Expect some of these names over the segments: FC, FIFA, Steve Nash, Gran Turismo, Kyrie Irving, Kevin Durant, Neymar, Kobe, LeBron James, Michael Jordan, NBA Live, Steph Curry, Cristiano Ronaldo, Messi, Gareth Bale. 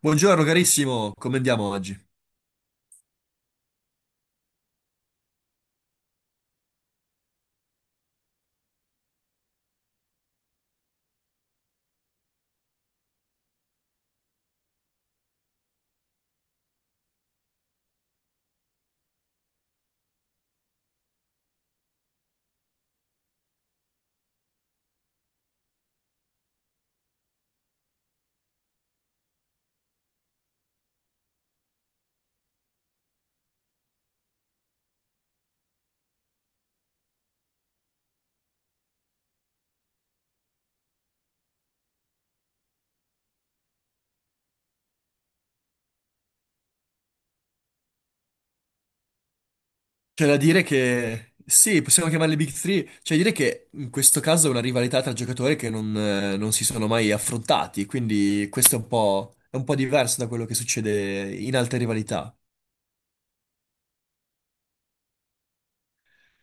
Buongiorno carissimo, come andiamo oggi? C'è da dire che sì, possiamo chiamarle Big Three. C'è da dire che in questo caso è una rivalità tra giocatori che non, non si sono mai affrontati, quindi questo è un po' diverso da quello che succede in altre rivalità.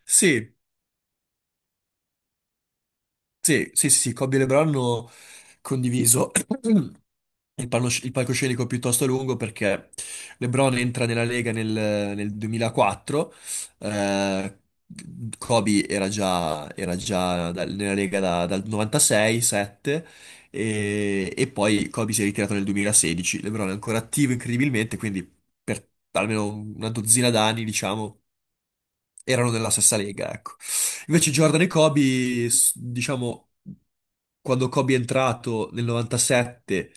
Sì, sì, sì, sì, sì, Kobe e LeBron hanno condiviso il palcoscenico piuttosto lungo, perché LeBron entra nella Lega nel 2004. eh, Kobe era già, nella Lega dal 96-7, e poi Kobe si è ritirato nel 2016, LeBron è ancora attivo incredibilmente, quindi per almeno una dozzina d'anni, diciamo, erano nella stessa Lega, ecco. Invece Jordan e Kobe, diciamo, quando Kobe è entrato nel 97,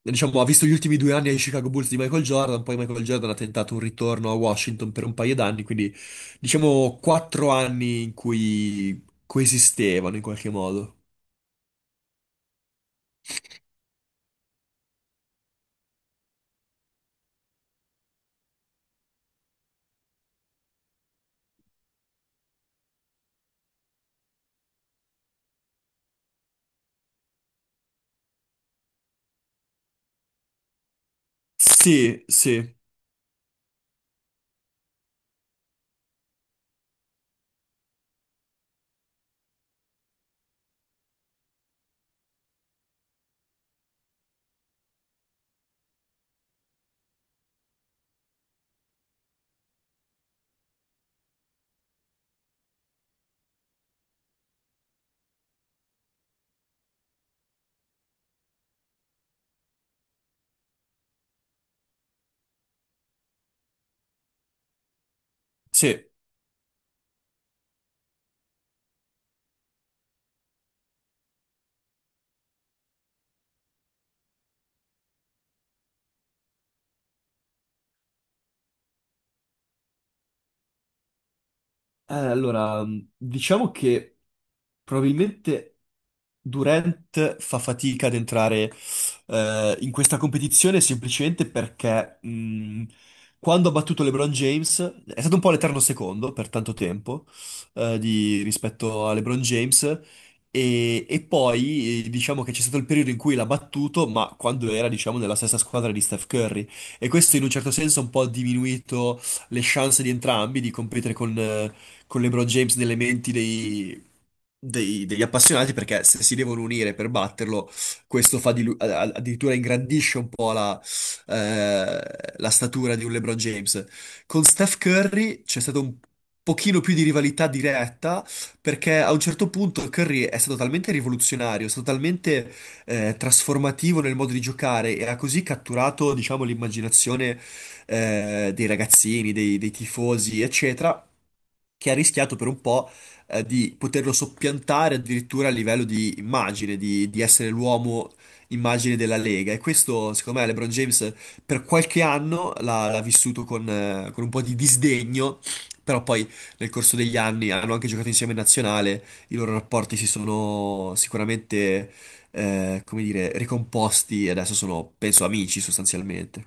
diciamo, ha visto gli ultimi due anni ai Chicago Bulls di Michael Jordan, poi Michael Jordan ha tentato un ritorno a Washington per un paio d'anni, quindi diciamo quattro anni in cui coesistevano in qualche modo. Sì, sì, sì. Allora, diciamo che probabilmente Durant fa fatica ad entrare in questa competizione, semplicemente perché, quando ha battuto LeBron James è stato un po' l'eterno secondo per tanto tempo, rispetto a LeBron James. E poi, diciamo che c'è stato il periodo in cui l'ha battuto, ma quando era diciamo nella stessa squadra di Steph Curry, e questo in un certo senso ha un po' diminuito le chance di entrambi di competere con LeBron James nelle menti degli appassionati, perché se si devono unire per batterlo, questo fa di lui- a- a- addirittura ingrandisce un po' la, eh, la statura di un LeBron James. Con Steph Curry c'è stato un pochino più di rivalità diretta, perché a un certo punto Curry è stato talmente rivoluzionario, è stato talmente, trasformativo nel modo di giocare e ha così catturato, diciamo, l'immaginazione, dei ragazzini, dei tifosi, eccetera, che ha rischiato per un po', di poterlo soppiantare addirittura a livello di immagine, di essere l'uomo immagine della Lega. E questo, secondo me, LeBron James per qualche anno l'ha vissuto con un po' di disdegno. Però poi nel corso degli anni hanno anche giocato insieme in nazionale, i loro rapporti si sono sicuramente, come dire, ricomposti, e adesso sono, penso, amici sostanzialmente.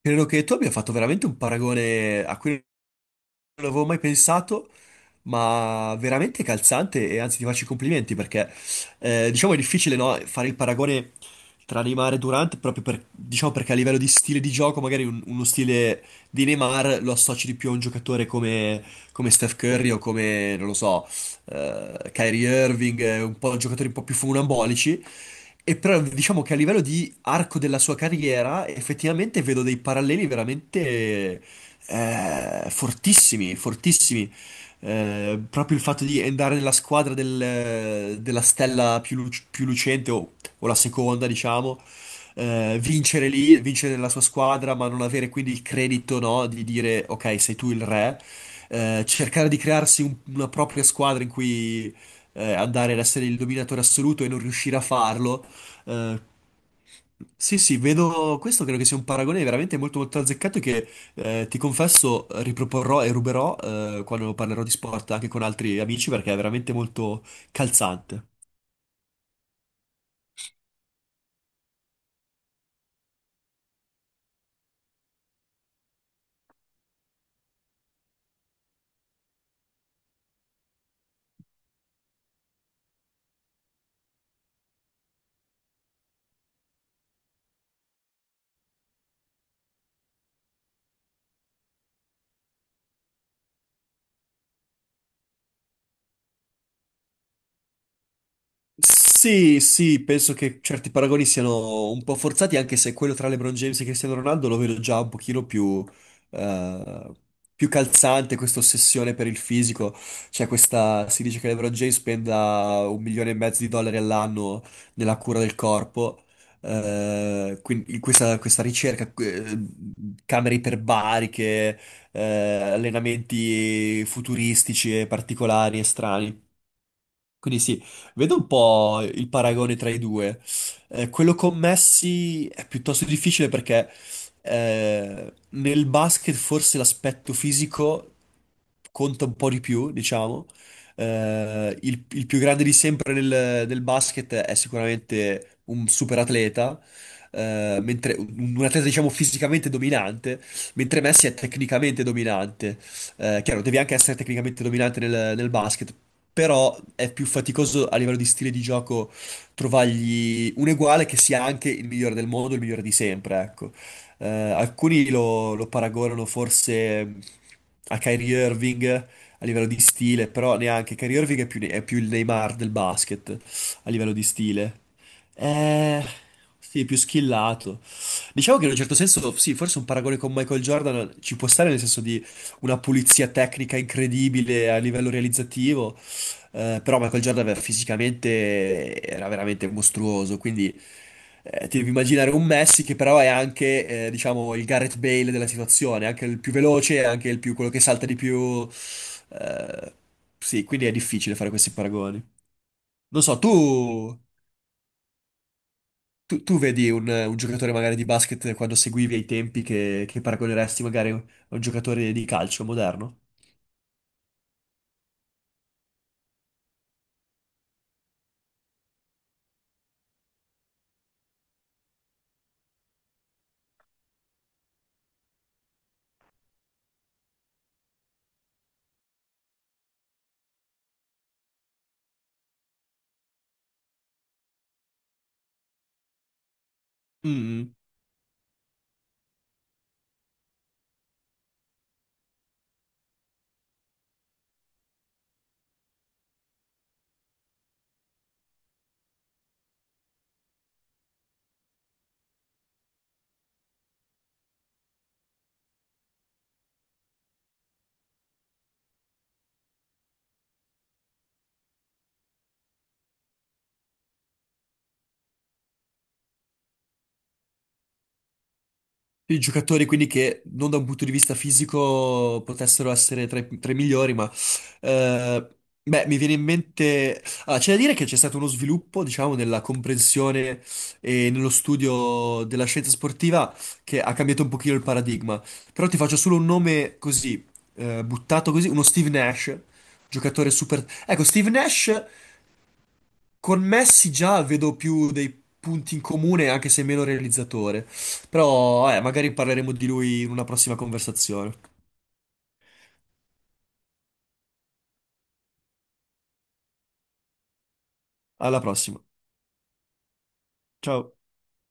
Credo che tu abbia fatto veramente un paragone a cui non avevo mai pensato, ma veramente calzante, e anzi ti faccio i complimenti perché, diciamo è difficile, no, fare il paragone tra Neymar e Durant proprio diciamo, perché a livello di stile di gioco magari uno stile di Neymar lo associ di più a un giocatore come, come Steph Curry o come, non lo so, Kyrie Irving, un po' giocatori un po' più funambolici. E però diciamo che a livello di arco della sua carriera effettivamente vedo dei paralleli veramente, fortissimi, fortissimi. Proprio il fatto di andare nella squadra della stella più, più lucente, o la seconda, diciamo, vincere lì, vincere nella sua squadra, ma non avere quindi il credito, no, di dire ok, sei tu il re. Cercare di crearsi una propria squadra in cui, andare ad essere il dominatore assoluto e non riuscire a farlo. Eh, sì, sì, vedo questo. Credo che sia un paragone veramente molto molto azzeccato che, ti confesso, riproporrò e ruberò, quando parlerò di sport anche con altri amici, perché è veramente molto calzante. Sì, sì, penso che certi paragoni siano un po' forzati, anche se quello tra LeBron James e Cristiano Ronaldo lo vedo già un pochino più, eh, più calzante, questa ossessione per il fisico. Cioè questa, si dice che LeBron James spenda un milione e mezzo di dollari all'anno nella cura del corpo, quindi questa ricerca, camere iperbariche, eh, allenamenti futuristici e particolari e strani. Quindi sì, vedo un po' il paragone tra i due. Quello con Messi è piuttosto difficile, perché, nel basket forse l'aspetto fisico conta un po' di più, diciamo. Il più grande di sempre nel basket è sicuramente un super atleta, mentre un atleta diciamo fisicamente dominante, mentre Messi è tecnicamente dominante. Chiaro, devi anche essere tecnicamente dominante nel basket, però è più faticoso a livello di stile di gioco trovargli un uguale che sia anche il migliore del mondo, il migliore di sempre, ecco. Alcuni lo paragonano forse, mm, a Kyrie Irving a livello di stile, però neanche Kyrie Irving è più il Neymar del basket a livello di stile. Eh, sì, più skillato. Diciamo che in un certo senso, sì, forse un paragone con Michael Jordan ci può stare, nel senso di una pulizia tecnica incredibile a livello realizzativo, però fisicamente era veramente mostruoso, quindi, ti devi immaginare un Messi che però è anche, diciamo, il Gareth Bale della situazione, anche il più veloce, anche il più, quello che salta di più. Eh, sì, quindi è difficile fare questi paragoni. Non so, tu, tu vedi un giocatore magari di basket quando seguivi ai tempi, che paragoneresti magari a un giocatore di calcio moderno? Mm. I giocatori quindi che non da un punto di vista fisico potessero essere tra i migliori, ma, eh, beh, mi viene in mente... Ah, c'è da dire che c'è stato uno sviluppo, diciamo, nella comprensione e nello studio della scienza sportiva, che ha cambiato un pochino il paradigma. Però ti faccio solo un nome così, buttato così, uno Steve Nash, giocatore super... Ecco, Steve Nash con Messi già vedo più dei punti in comune, anche se meno realizzatore. Però, magari parleremo di lui in una prossima conversazione. Alla prossima. Ciao.